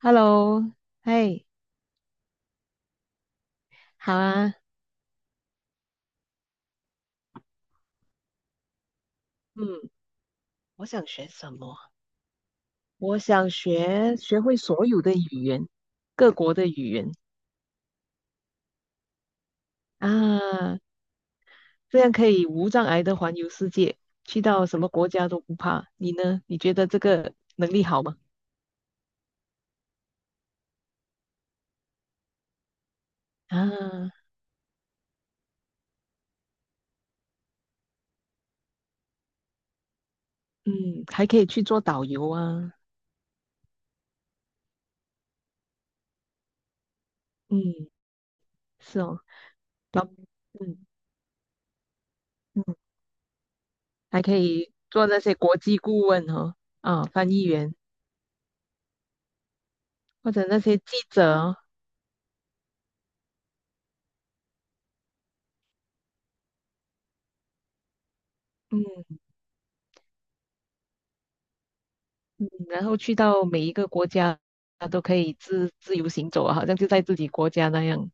Hello，嘿，好啊，嗯，我想学什么？我想学会所有的语言，各国的语言啊，这样可以无障碍的环游世界，去到什么国家都不怕。你呢？你觉得这个能力好吗？啊，嗯，还可以去做导游啊，嗯，是哦，老，嗯嗯，还可以做那些国际顾问哦，啊，翻译员或者那些记者哦，嗯，然后去到每一个国家，他都可以自由行走啊，好像就在自己国家那样。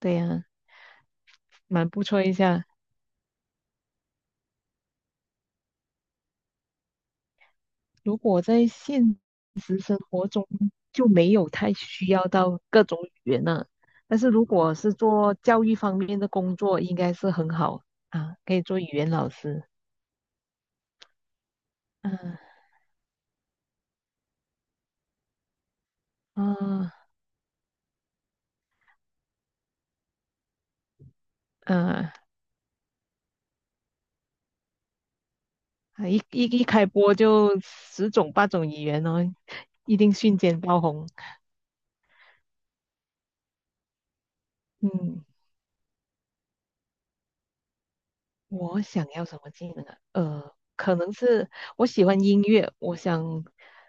对呀，蛮不错一下。如果在现实生活中就没有太需要到各种语言了，但是如果是做教育方面的工作，应该是很好啊，可以做语言老师。嗯啊嗯，啊一开播就十种八种语言哦，一定瞬间爆红。嗯。我想要什么技能啊？可能是我喜欢音乐，我想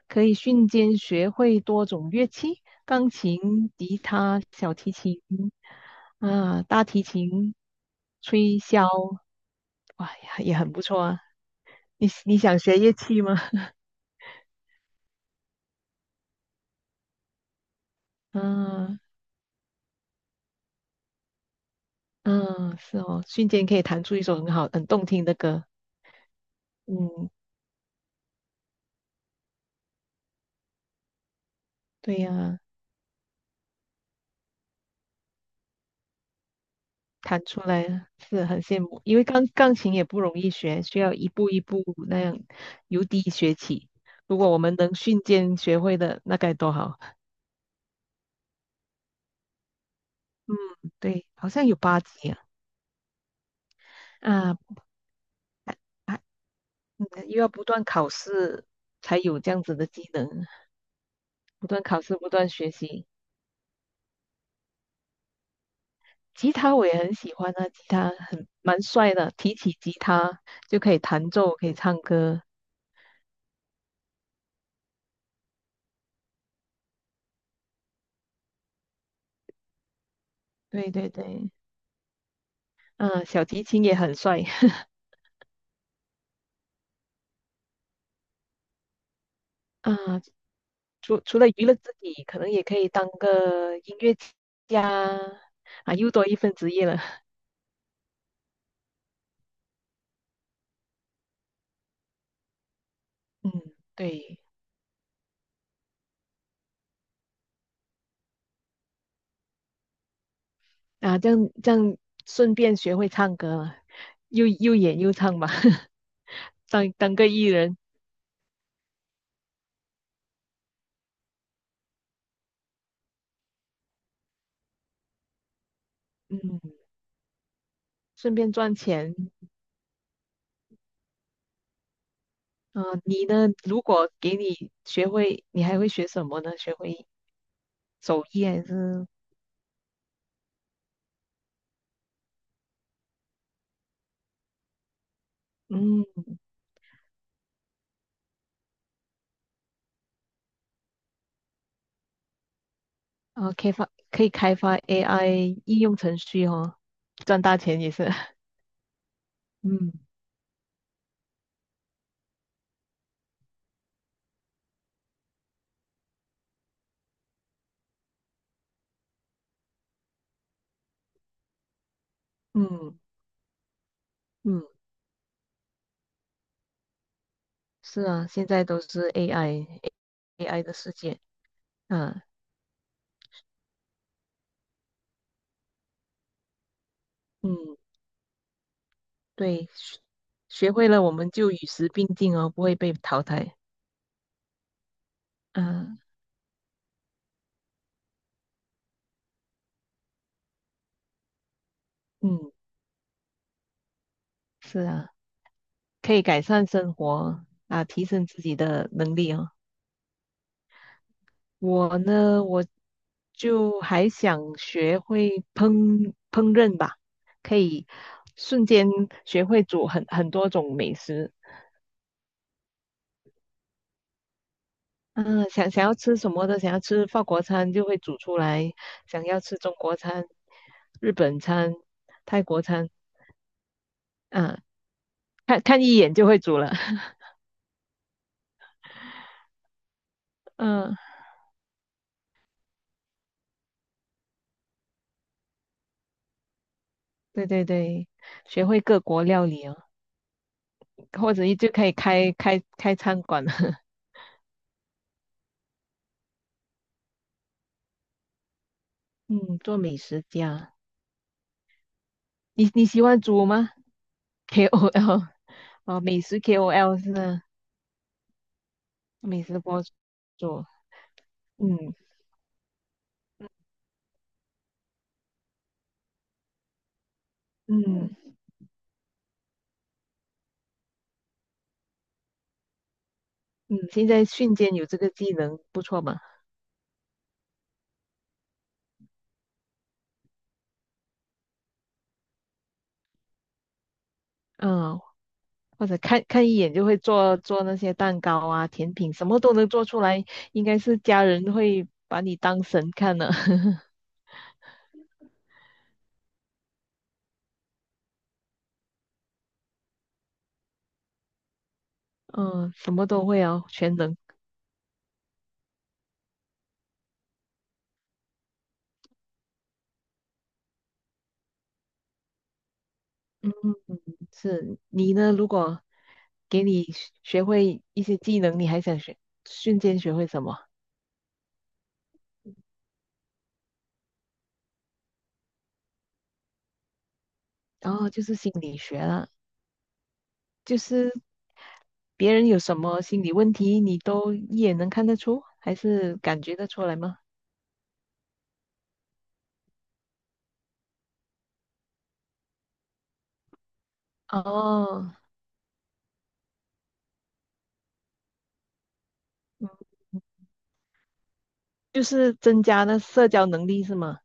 可以瞬间学会多种乐器，钢琴、吉他、小提琴啊，大提琴、吹箫，哇，呀，也很不错啊。你想学乐器吗？嗯嗯，是哦，瞬间可以弹出一首很好、很动听的歌。嗯，对呀、弹出来了是很羡慕，因为钢琴也不容易学，需要一步一步那样由低学起。如果我们能瞬间学会的，那该多好。嗯，对，好像有八级啊，啊，还还又要不断考试才有这样子的技能，不断考试，不断学习。吉他我也很喜欢啊，吉他很蛮帅的，提起吉他就可以弹奏，可以唱歌。对对对，嗯、小提琴也很帅。啊，除了娱乐自己，可能也可以当个音乐家啊，又多一份职业了。嗯，对啊，这样顺便学会唱歌了，又演又唱吧，当个艺人，嗯，顺便赚钱。嗯、你呢？如果给你学会，你还会学什么呢？学会手艺还是嗯，啊，开发可以开发 AI 应用程序哦，赚大钱也是。嗯嗯嗯。是啊，现在都是 AI，AI 的世界。啊，嗯，对，学会了我们就与时并进哦，不会被淘汰。啊，嗯，是啊，可以改善生活啊，提升自己的能力哦。我呢，我就还想学会烹饪吧，可以瞬间学会煮很多种美食。嗯，想要吃什么的，想要吃法国餐就会煮出来，想要吃中国餐、日本餐、泰国餐，嗯，看一眼就会煮了。嗯，对对对，学会各国料理哦，或者一就可以开餐馆了。嗯，做美食家，你喜欢煮吗？KOL 哦，美食 KOL 是吗？美食博主，嗯嗯嗯，嗯现在瞬间有这个技能，不错嘛。嗯，或者看一眼就会做那些蛋糕啊、甜品，什么都能做出来，应该是家人会把你当神看的。嗯，什么都会哦，全能。是你呢？如果给你学会一些技能，你还想学，瞬间学会什么？然后就是心理学了，就是别人有什么心理问题，你都一眼能看得出，还是感觉得出来吗？哦，嗯就是增加那社交能力是吗？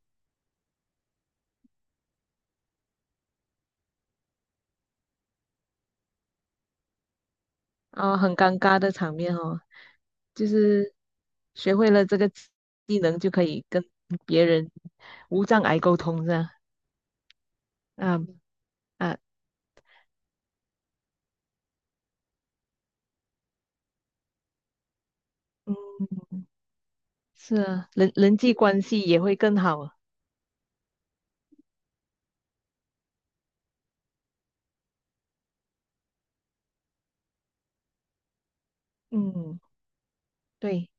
啊、很尴尬的场面哦。就是学会了这个技能，就可以跟别人无障碍沟通，这样啊啊，嗯，是啊，人际关系也会更好啊嗯，对，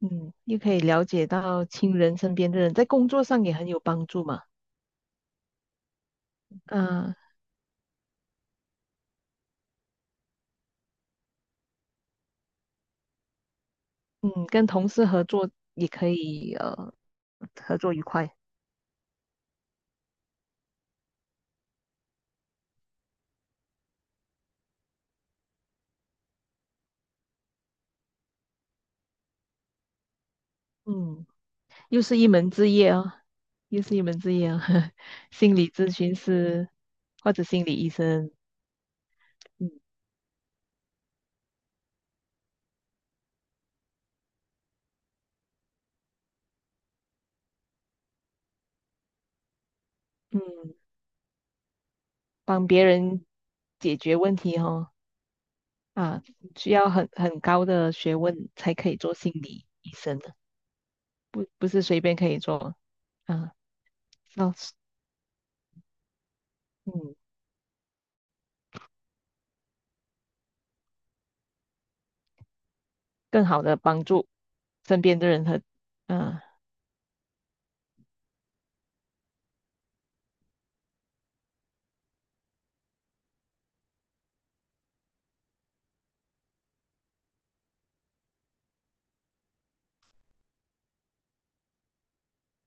嗯，又可以了解到亲人身边的人，在工作上也很有帮助嘛。嗯、嗯，跟同事合作也可以合作愉快。嗯。又是一门职业哦，又是一门职业哦。心理咨询师或者心理医生，嗯嗯，帮别人解决问题哦，啊，需要很高的学问才可以做心理医生的，不是随便可以做啊。要是嗯，更好的帮助身边的人和嗯，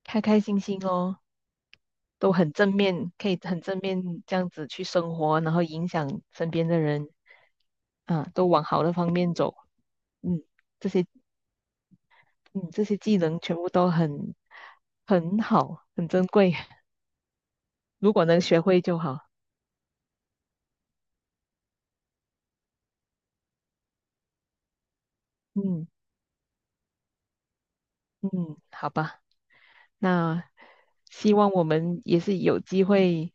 开开心心哦。都很正面，可以很正面这样子去生活，然后影响身边的人，啊，都往好的方面走。嗯，这些技能全部都很很好，很珍贵，如果能学会就好。嗯嗯，好吧，那希望我们也是有机会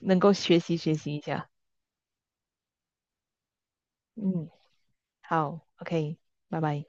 能够学习学习一下。嗯，好，OK，拜拜。